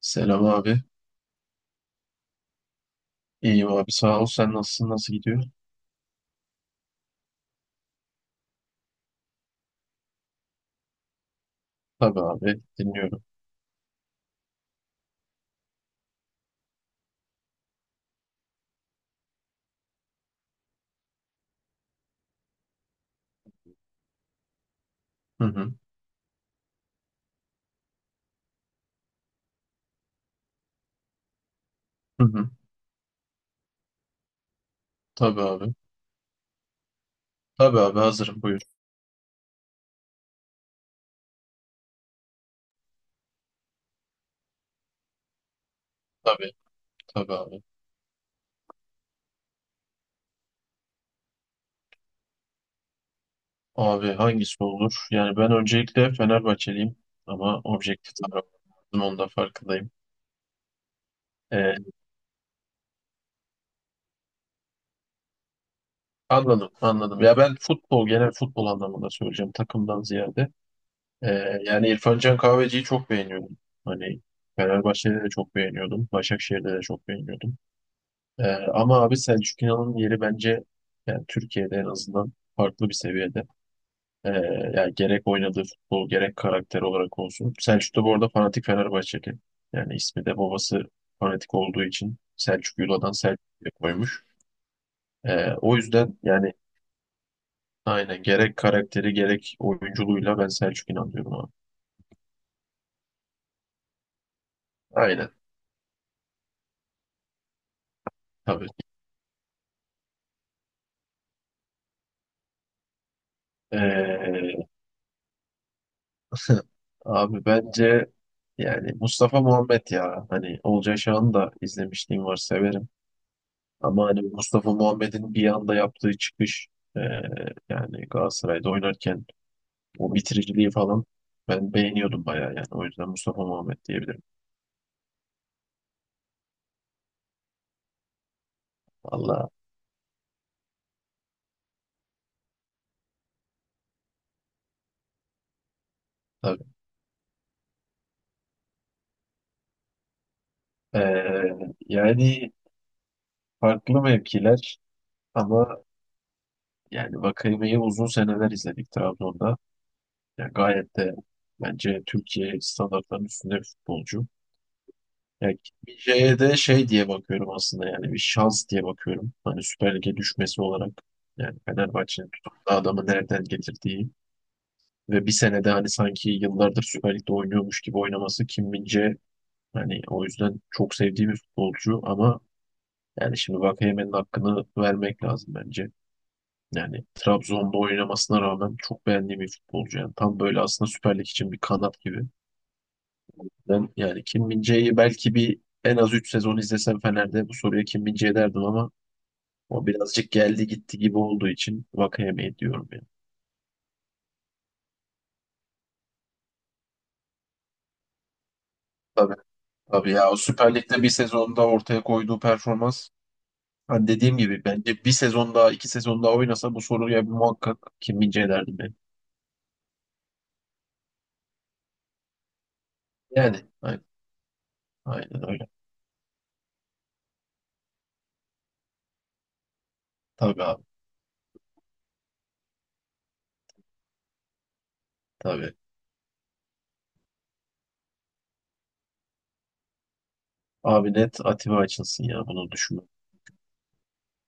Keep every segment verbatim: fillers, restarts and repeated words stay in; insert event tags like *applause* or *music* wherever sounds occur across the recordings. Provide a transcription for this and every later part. Selam abi. İyiyim abi. Sağ ol. Sen nasılsın? Nasıl gidiyor? Tabii abi. Dinliyorum. Hı hı. Hı hı. Tabii abi. Tabii abi. Hazırım. Buyur. Tabii. Tabii abi. Abi hangisi olur? Yani ben öncelikle Fenerbahçeliyim ama objektif tarafım. Onun da farkındayım. Ee, anladım. Anladım. Ya ben futbol, genel futbol anlamında söyleyeceğim. Takımdan ziyade. Ee, yani İrfan Can Kahveci'yi çok beğeniyordum. Hani Fenerbahçe'de de çok beğeniyordum. Başakşehir'de de çok beğeniyordum. Ee, ama abi Selçuk İnan'ın yeri bence yani Türkiye'de en azından farklı bir seviyede. Ee, yani gerek oynadığı futbol gerek karakter olarak olsun. Selçuk da bu arada fanatik Fenerbahçeli. Yani ismi de babası fanatik olduğu için Selçuk Yula'dan Selçuk diye koymuş. Ee, o yüzden yani aynen gerek karakteri gerek oyunculuğuyla ben Selçuk İnan diyorum abi. Aynen tabii. Ee, abi bence yani Mustafa Muhammed ya hani Olcay Şahan'ı da izlemişliğim var severim. Ama hani Mustafa Muhammed'in bir anda yaptığı çıkış e, yani Galatasaray'da oynarken o bitiriciliği falan ben beğeniyordum bayağı yani. O yüzden Mustafa Muhammed diyebilirim. Valla tabii. E, yani farklı mevkiler ama yani Vakayeme'yi uzun seneler izledik Trabzon'da. Yani gayet de bence Türkiye standartlarının üstünde bir futbolcu. Ya gitmeyeceğe de şey diye bakıyorum aslında yani bir şans diye bakıyorum. Hani Süper Lig'e düşmesi olarak yani Fenerbahçe'nin tutup da adamı nereden getirdiği ve bir senede hani sanki yıllardır Süper Lig'de oynuyormuş gibi oynaması Kim min hani o yüzden çok sevdiğim bir futbolcu ama yani şimdi Vakayeme'nin hakkını vermek lazım bence. Yani Trabzon'da oynamasına rağmen çok beğendiğim bir futbolcu. Yani tam böyle aslında Süper Lig için bir kanat gibi. Ben yani Kim Min-jae'yi belki bir en az üç sezon izlesem Fener'de bu soruya Kim Min-jae derdim ama o birazcık geldi gitti gibi olduğu için Vakayemeyi diyorum ya. Tabii tabii ya o Süper Lig'de bir sezonda ortaya koyduğu performans hani dediğim gibi bence bir sezon daha iki sezon daha oynasa bu soruya muhakkak Kim Min-jae derdim ben. Yani aynen, aynen öyle. Tabii abi tabii. Abi net Atiba açılsın ya bunu düşünmem.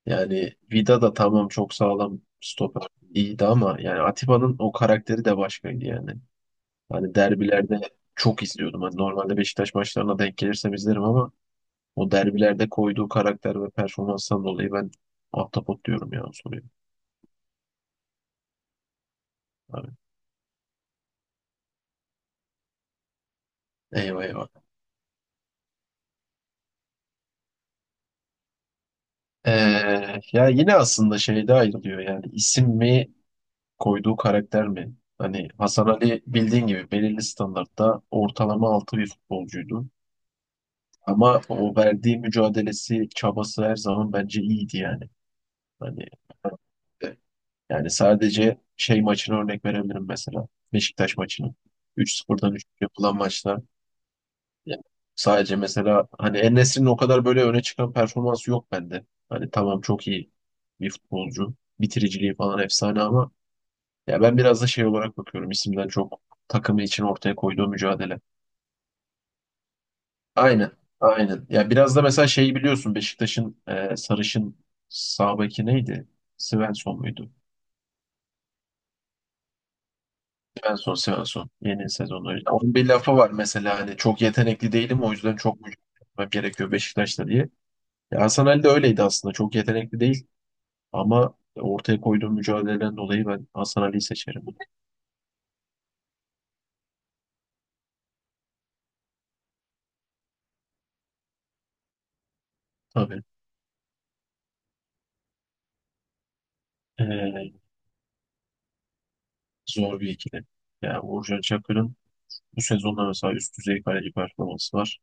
Yani Vida da tamam çok sağlam stoper iyiydi ama yani Atiba'nın o karakteri de başkaydı yani. Hani derbilerde çok izliyordum. Hani normalde Beşiktaş maçlarına denk gelirsem izlerim ama o derbilerde koyduğu karakter ve performanstan dolayı ben ahtapot diyorum ya o soruyu. Abi. Eyvah eyvah. Ee, ya yine aslında şeyde ayrılıyor yani isim mi koyduğu karakter mi? Hani Hasan Ali bildiğin gibi belirli standartta ortalama altı bir futbolcuydu. Ama o verdiği mücadelesi, çabası her zaman bence iyiydi yani. Hani e, yani sadece şey maçına örnek verebilirim mesela. Beşiktaş maçını. Üç sıfırdan üç yapılan maçlar. Ya, sadece mesela hani En-Nesyri'nin o kadar böyle öne çıkan performansı yok bende. Hani tamam çok iyi bir futbolcu. Bitiriciliği falan efsane ama ya ben biraz da şey olarak bakıyorum. İsimden çok takımı için ortaya koyduğu mücadele. Aynen. Aynen. Ya biraz da mesela şeyi biliyorsun Beşiktaş'ın e, sarışın sağ beki neydi? Svensson muydu? Svensson, Svensson. Yeni sezonu. Onun bir lafı var mesela hani çok yetenekli değilim o yüzden çok mücadele etmem gerekiyor Beşiktaş'ta diye. Ya Hasan Ali de öyleydi aslında. Çok yetenekli değil ama ortaya koyduğu mücadeleden dolayı ben Hasan Ali'yi seçerim. Tabii. E, zor bir ikili. Yani Uğurcan Çakır'ın bu sezonda mesela üst düzey kaleci performansı var.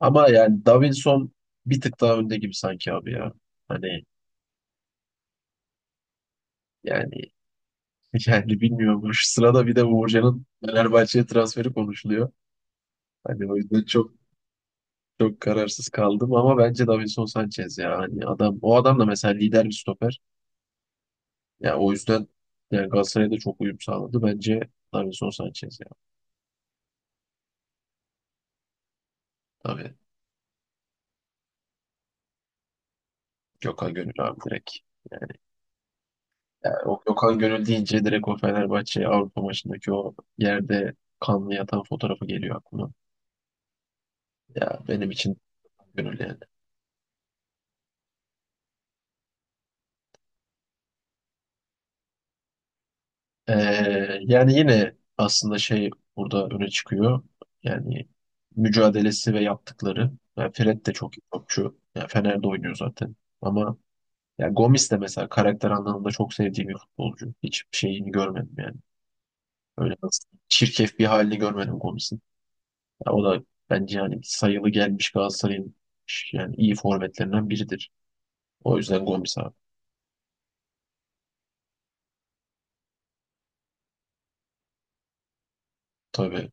Ama yani Davinson bir tık daha önde gibi sanki abi ya. Hani yani *laughs* yani bilmiyorum. Şu sırada bir de Uğurcan'ın Fenerbahçe'ye transferi konuşuluyor. Hani o yüzden çok çok kararsız kaldım ama bence Davinson Sanchez ya. Hani adam o adam da mesela lider bir stoper. Ya o yüzden yani Galatasaray'da çok uyum sağladı. Bence Davinson Sanchez ya. Tabii. Gökhan Gönül abi direkt. Yani o Gökhan Gönül deyince direkt o Fenerbahçe Avrupa maçındaki o yerde kanlı yatan fotoğrafı geliyor aklıma. Ya benim için gönül yani. Ee, yani yine aslında şey burada öne çıkıyor. Yani mücadelesi ve yaptıkları. Yani Fred de çok iyi topçu. Yani Fener'de oynuyor zaten. Ama ya Gomis de mesela karakter anlamında çok sevdiğim bir futbolcu. Hiç şeyini görmedim yani. Öyle nasıl çirkef bir halini görmedim Gomis'in. Ya o da bence yani sayılı gelmiş Galatasaray'ın yani iyi forvetlerinden biridir. O yüzden Gomis abi. Tabii.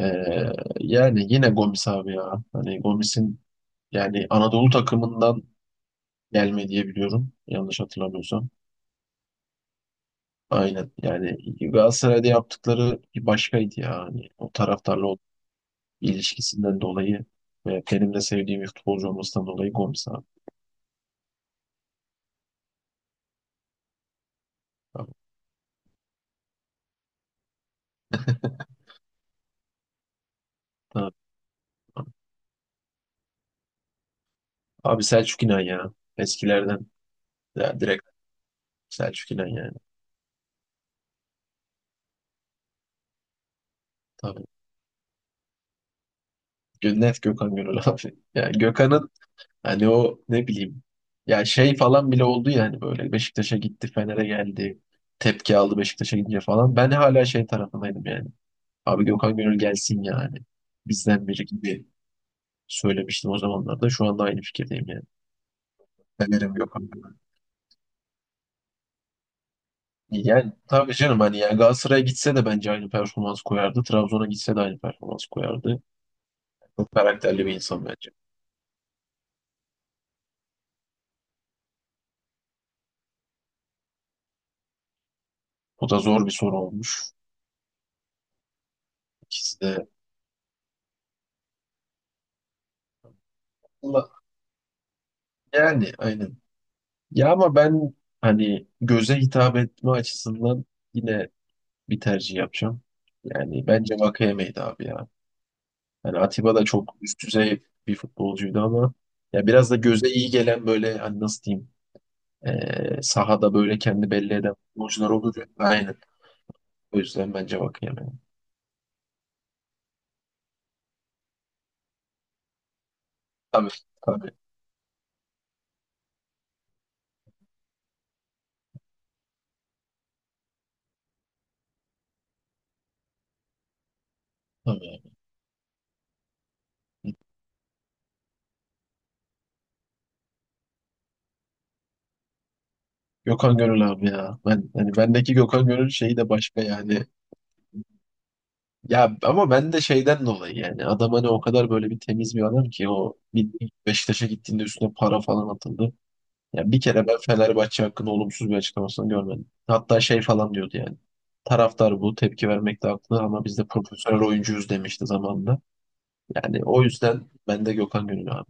Ee, yani yine Gomis abi ya. Hani Gomis'in yani Anadolu takımından gelme diye biliyorum. Yanlış hatırlamıyorsam. Aynen. Yani Galatasaray'da yaptıkları bir başkaydı ya. Hani o taraftarla o ilişkisinden dolayı ve benim de sevdiğim bir futbolcu olmasından dolayı Gomis abi. Abi, tabii. Abi Selçuk İnan ya. Eskilerden. Ya direkt Selçuk İnan yani. Tabii. Gö- Net Gökhan Gönül *laughs* abi. Yani Gökhan'ın hani o ne bileyim ya şey falan bile oldu yani böyle Beşiktaş'a gitti Fener'e geldi tepki aldı Beşiktaş'a gidince falan. Ben hala şey tarafındaydım yani. Abi Gökhan Gönül gelsin yani. Bizden biri gibi söylemiştim o zamanlarda. Şu anda aynı fikirdeyim yani. Severim Gökhan Gönül. Yani tabii canım hani yani Galatasaray'a gitse de bence aynı performans koyardı. Trabzon'a gitse de aynı performans koyardı. Çok karakterli bir insan bence. O da zor bir soru olmuş. İkisi de Allah- yani aynen. Ya ama ben hani göze hitap etme açısından yine bir tercih yapacağım. Yani bence Vakayeme'ydi abi ya. Hani Atiba da çok üst düzey bir futbolcuydu ama ya biraz da göze iyi gelen böyle hani nasıl diyeyim eee, sahada böyle kendi belli eden futbolcular olur ya. Aynen. O yüzden bence Vakayeme. Tabii tabii tabii. Gökhan Gönül abi ya. Ben hani bendeki Gökhan Gönül şeyi de başka yani. Ya ama ben de şeyden dolayı yani adam hani o kadar böyle bir temiz bir adam ki o bir Beşiktaş'a gittiğinde üstüne para falan atıldı. Ya bir kere ben Fenerbahçe hakkında olumsuz bir açıklamasını görmedim. Hatta şey falan diyordu yani. Taraftar bu tepki vermekte haklı ama biz de profesyonel oyuncuyuz demişti zamanında. Yani o yüzden ben de Gökhan Gönül abi.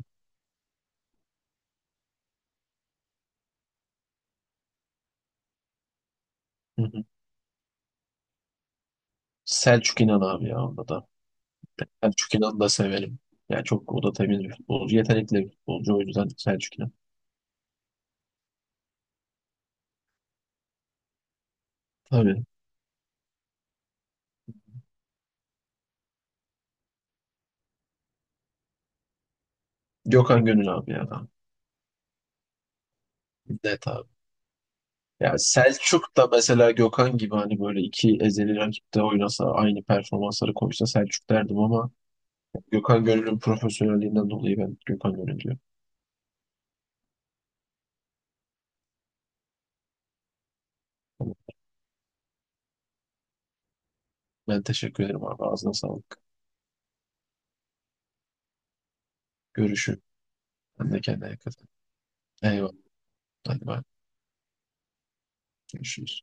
Hı hı. Selçuk İnan abi ya onda da. Selçuk İnan'ı da severim. Yani çok o da temiz bir futbolcu. Yetenekli bir futbolcu o yüzden Selçuk İnan. Tabii. Gökhan Gönül abi ya. Net abi. Yani Selçuk da mesela Gökhan gibi hani böyle iki ezeli rakipte oynasa aynı performansları koysa Selçuk derdim ama Gökhan Gönül'ün profesyonelliğinden dolayı ben Gökhan Gönül diyorum. Tamam. Ben teşekkür ederim abi. Ağzına sağlık. Görüşürüz. Sen de kendine dikkat et. Eyvallah. Hadi bay. Görüşürüz.